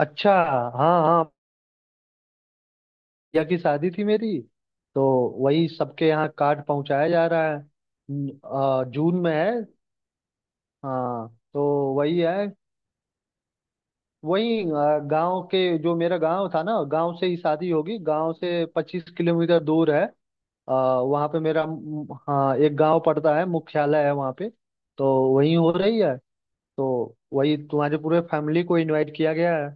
अच्छा। हाँ हाँ। भैया की शादी थी मेरी। तो वही सबके यहाँ कार्ड पहुंचाया जा रहा है। जून में है। हाँ। तो वही है, वही गांव के, जो मेरा गांव था ना, गांव से ही शादी होगी। गांव से 25 किलोमीटर दूर है। वहाँ पे मेरा हाँ, एक गांव पड़ता है, मुख्यालय है वहाँ पे। तो वही हो रही है। तो वही तुम्हारे पूरे फैमिली को इनवाइट किया गया है।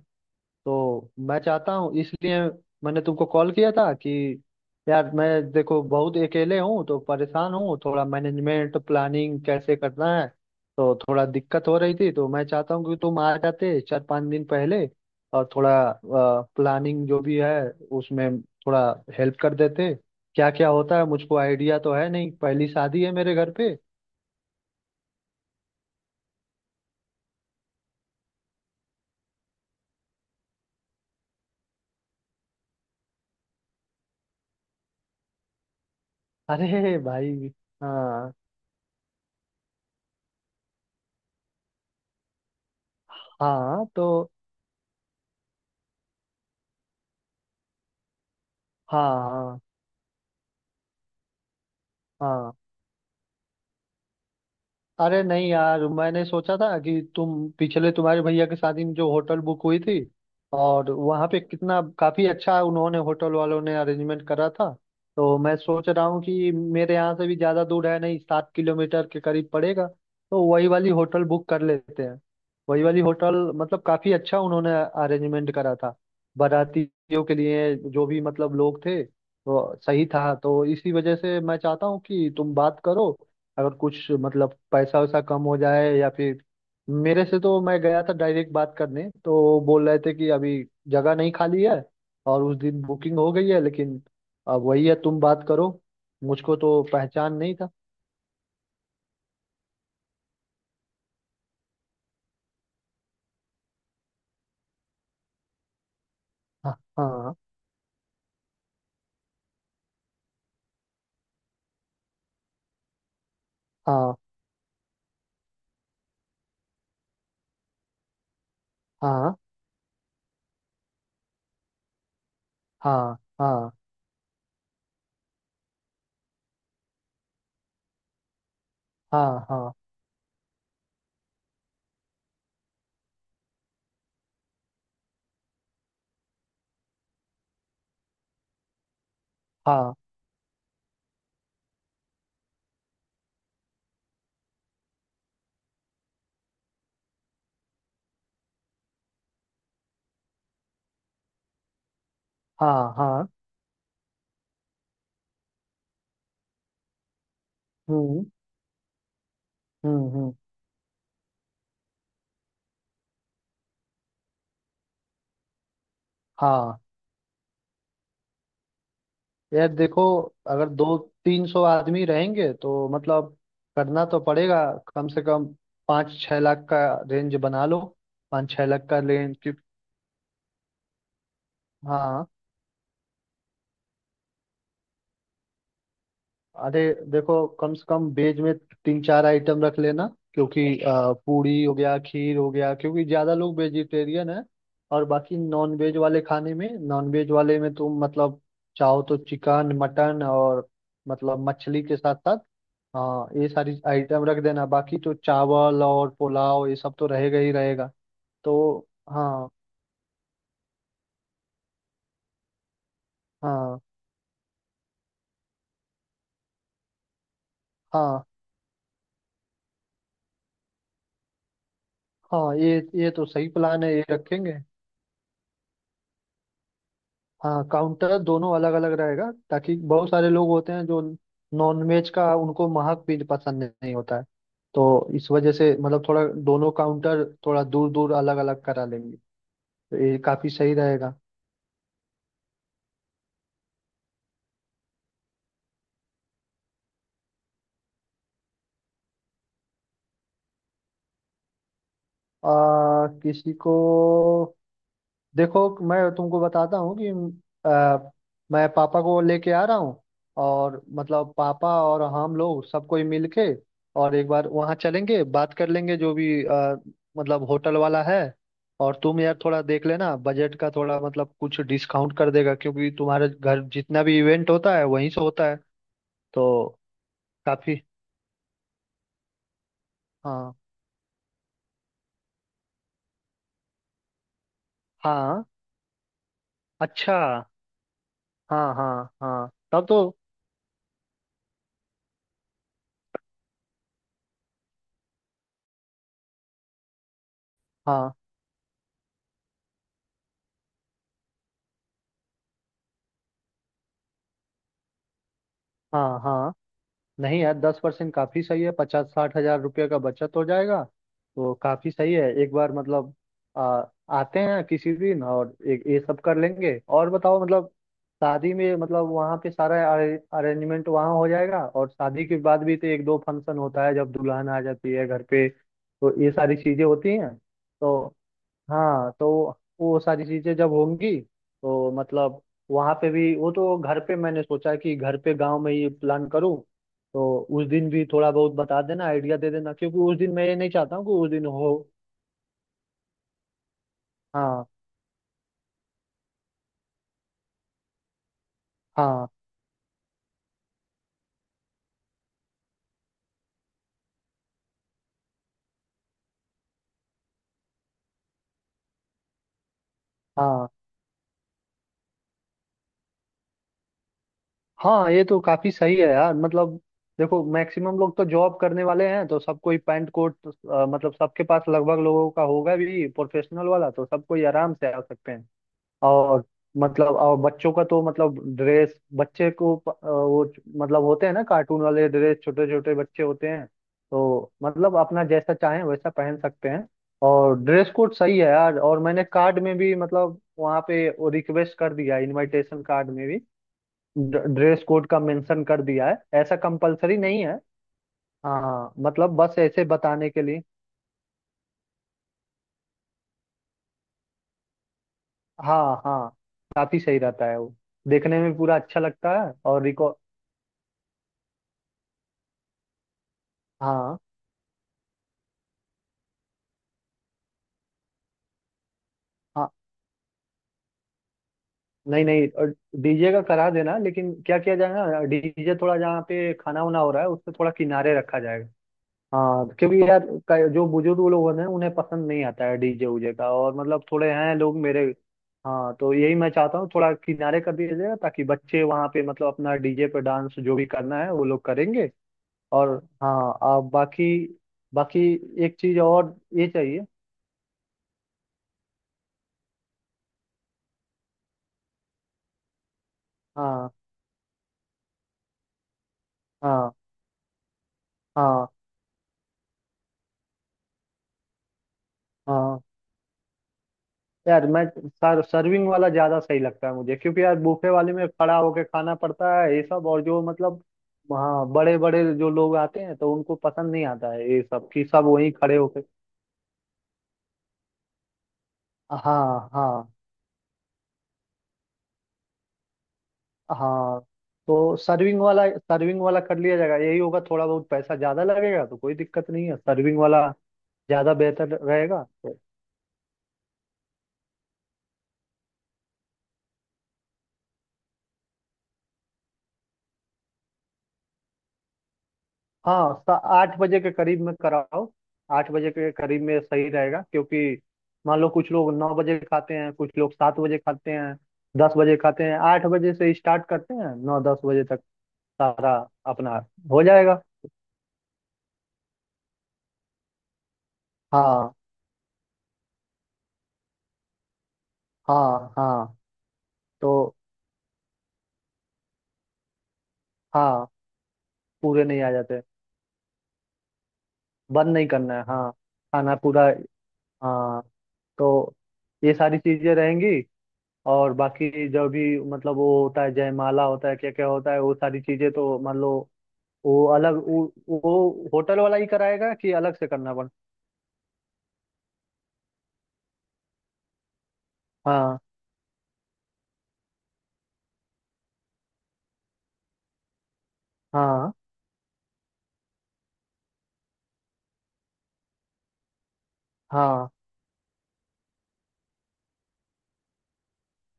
तो मैं चाहता हूँ, इसलिए मैंने तुमको कॉल किया था कि यार, मैं देखो बहुत अकेले हूँ, तो परेशान हूँ थोड़ा। मैनेजमेंट, प्लानिंग कैसे करना है, तो थोड़ा दिक्कत हो रही थी। तो मैं चाहता हूँ कि तुम आ जाते 4-5 दिन पहले, और थोड़ा प्लानिंग जो भी है उसमें थोड़ा हेल्प कर देते। क्या क्या होता है, मुझको आइडिया तो है नहीं, पहली शादी है मेरे घर पे। अरे भाई। हाँ हाँ। तो। हाँ। हाँ हाँ। अरे नहीं यार, मैंने सोचा था कि तुम, पिछले, तुम्हारे भैया की शादी में जो होटल बुक हुई थी, और वहाँ पे कितना काफी अच्छा उन्होंने, होटल वालों ने अरेंजमेंट करा था। तो मैं सोच रहा हूँ कि मेरे यहाँ से भी ज्यादा दूर है नहीं, 7 किलोमीटर के करीब पड़ेगा। तो वही वाली होटल बुक कर लेते हैं। वही वाली होटल मतलब काफी अच्छा उन्होंने अरेंजमेंट करा था बारातियों के लिए। जो भी मतलब लोग थे तो सही था। तो इसी वजह से मैं चाहता हूँ कि तुम बात करो। अगर कुछ मतलब पैसा वैसा कम हो जाए, या फिर मेरे से, तो मैं गया था डायरेक्ट बात करने, तो बोल रहे थे कि अभी जगह नहीं खाली है और उस दिन बुकिंग हो गई है। लेकिन अब वही है, तुम बात करो। मुझको तो पहचान नहीं था। हाँ हाँ। हाँ हाँ। हाँ हाँ। हाँ हाँ। हाँ हाँ। हाँ। हम्म हम्म। हाँ। यार देखो, अगर 200-300 आदमी रहेंगे तो मतलब करना तो पड़ेगा। कम से कम 5-6 लाख का रेंज बना लो। 5-6 लाख का रेंज की। हाँ। अरे देखो, कम से कम वेज में 3-4 आइटम रख लेना, क्योंकि पूरी हो गया, खीर हो गया, क्योंकि ज़्यादा लोग वेजिटेरियन है। और बाकी नॉन वेज वाले खाने में, नॉन वेज वाले में तुम मतलब चाहो तो चिकन, मटन, और मतलब मछली के साथ साथ, हाँ, ये सारी आइटम रख देना। बाकी तो चावल और पुलाव ये सब तो रहेगा ही रहेगा। तो। हाँ। हाँ हाँ। हाँ। ये तो सही प्लान है, ये रखेंगे। हाँ। काउंटर दोनों अलग अलग रहेगा, ताकि बहुत सारे लोग होते हैं जो नॉन वेज का उनको महक भी पसंद नहीं होता है। तो इस वजह से मतलब थोड़ा, दोनों काउंटर थोड़ा दूर दूर, अलग अलग करा लेंगे। तो ये काफी सही रहेगा। किसी को, देखो मैं तुमको बताता हूँ कि, अ, मैं पापा को लेके आ रहा हूँ। और मतलब पापा और हम लोग सब कोई मिल के, और एक बार वहाँ चलेंगे, बात कर लेंगे, जो भी मतलब होटल वाला है। और तुम यार थोड़ा देख लेना बजट का, थोड़ा मतलब कुछ डिस्काउंट कर देगा, क्योंकि तुम्हारे घर जितना भी इवेंट होता है वहीं से होता है। तो काफी। हाँ हाँ। अच्छा। हाँ हाँ। हाँ तब तो। हाँ हाँ। हाँ। नहीं यार, 10% काफी सही है, 50-60 हजार रुपये का बचत हो जाएगा। तो काफी सही है, एक बार मतलब आ, आते हैं किसी दिन और एक ये सब कर लेंगे। और बताओ मतलब, शादी में मतलब वहाँ पे सारा अरेंजमेंट वहाँ हो जाएगा। और शादी के बाद भी तो 1-2 फंक्शन होता है, जब दुल्हन आ जाती है घर पे, तो ये सारी चीजें होती हैं। तो। हाँ। तो वो सारी चीजें जब होंगी, तो मतलब वहां पे भी वो, तो घर पे मैंने सोचा कि घर पे गांव में ही प्लान करूँ। तो उस दिन भी थोड़ा बहुत बता देना, आइडिया दे देना, क्योंकि उस दिन मैं ये नहीं चाहता हूँ कि उस दिन हो। हाँ हाँ। हाँ। हाँ, ये तो काफी सही है यार, मतलब देखो मैक्सिमम लोग तो जॉब करने वाले हैं। तो सबको ही पैंट कोट मतलब सबके पास लगभग लोगों का होगा भी प्रोफेशनल वाला। तो सबको ही आराम से आ सकते हैं। और मतलब, और बच्चों का तो मतलब ड्रेस, बच्चे को मतलब होते हैं ना, कार्टून वाले ड्रेस, छोटे छोटे बच्चे होते हैं, तो मतलब अपना जैसा चाहें वैसा पहन सकते हैं। और ड्रेस कोड सही है यार, और मैंने कार्ड में भी मतलब वहाँ पे वो रिक्वेस्ट कर दिया है, इनविटेशन कार्ड में भी ड्रेस कोड का मेंशन कर दिया है, ऐसा कंपलसरी नहीं है। हाँ, मतलब बस ऐसे बताने के लिए। हाँ हाँ। काफी सही रहता है वो, देखने में पूरा अच्छा लगता है। और रिकॉर्ड। हाँ हाँ। नहीं नहीं। और डीजे का करा देना, लेकिन क्या किया जाए ना, डीजे थोड़ा जहाँ पे खाना वाना हो रहा है उससे थोड़ा किनारे रखा जाएगा। हाँ, क्योंकि यार, जो बुजुर्ग लोग हैं उन्हें पसंद नहीं आता है डीजे उजे का, और मतलब थोड़े हैं लोग मेरे। हाँ, तो यही मैं चाहता हूँ, थोड़ा किनारे कर दिया जाए, ताकि बच्चे वहाँ पे मतलब अपना डीजे पे डांस जो भी करना है वो लोग करेंगे। और हाँ, आप बाकी, बाकी एक चीज और ये चाहिए। हाँ। हाँ हाँ। हाँ, यार मैं सर सर्विंग वाला ज्यादा सही लगता है मुझे, क्योंकि यार बुफे वाले में खड़ा होके खाना पड़ता है ये सब और जो मतलब। हाँ, बड़े बड़े जो लोग आते हैं तो उनको पसंद नहीं आता है ये सब, कि सब वहीं खड़े होके। हाँ हाँ। हाँ। तो सर्विंग वाला, सर्विंग वाला कर लिया जाएगा, यही होगा। थोड़ा बहुत पैसा ज्यादा लगेगा तो कोई दिक्कत नहीं है। सर्विंग वाला ज्यादा बेहतर रहेगा। हाँ। 8 बजे के करीब में कराओ, 8 बजे के करीब में सही रहेगा। क्योंकि मान लो कुछ लोग 9 बजे खाते हैं, कुछ लोग 7 बजे खाते हैं, 10 बजे खाते हैं। 8 बजे से स्टार्ट करते हैं, 9-10 बजे तक सारा अपना हो जाएगा। हाँ हाँ। हाँ। तो। हाँ। पूरे नहीं आ जाते। बंद नहीं करना है। हाँ, खाना पूरा। हाँ। तो ये सारी चीजें रहेंगी। और बाकी जो भी मतलब वो होता है, जयमाला होता है, क्या क्या होता है, वो सारी चीजें तो मान लो वो अलग, वो होटल वाला ही कराएगा कि अलग से करना पड़। हाँ हाँ। हाँ।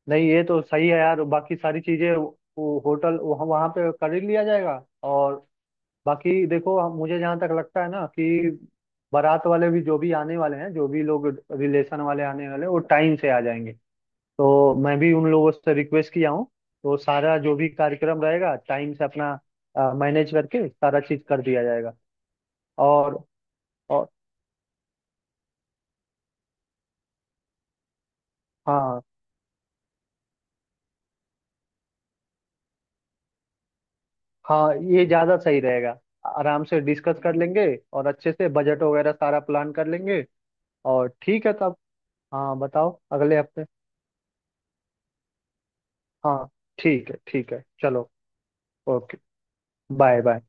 नहीं, ये तो सही है यार, बाकी सारी चीजें वो होटल वहाँ वहाँ पे कर ही लिया जाएगा। और बाकी देखो, मुझे जहाँ तक लगता है ना, कि बारात वाले भी जो भी आने वाले हैं, जो भी लोग रिलेशन वाले आने वाले हैं वो टाइम से आ जाएंगे। तो मैं भी उन लोगों से रिक्वेस्ट किया हूँ। तो सारा जो भी कार्यक्रम रहेगा टाइम से अपना मैनेज करके सारा चीज कर दिया जाएगा। और। और। हाँ हाँ, ये ज्यादा सही रहेगा। आराम से डिस्कस कर लेंगे, और अच्छे से बजट वगैरह सारा प्लान कर लेंगे। और ठीक है तब। हाँ, बताओ अगले हफ्ते। हाँ ठीक है। ठीक है, चलो। ओके। Bye bye.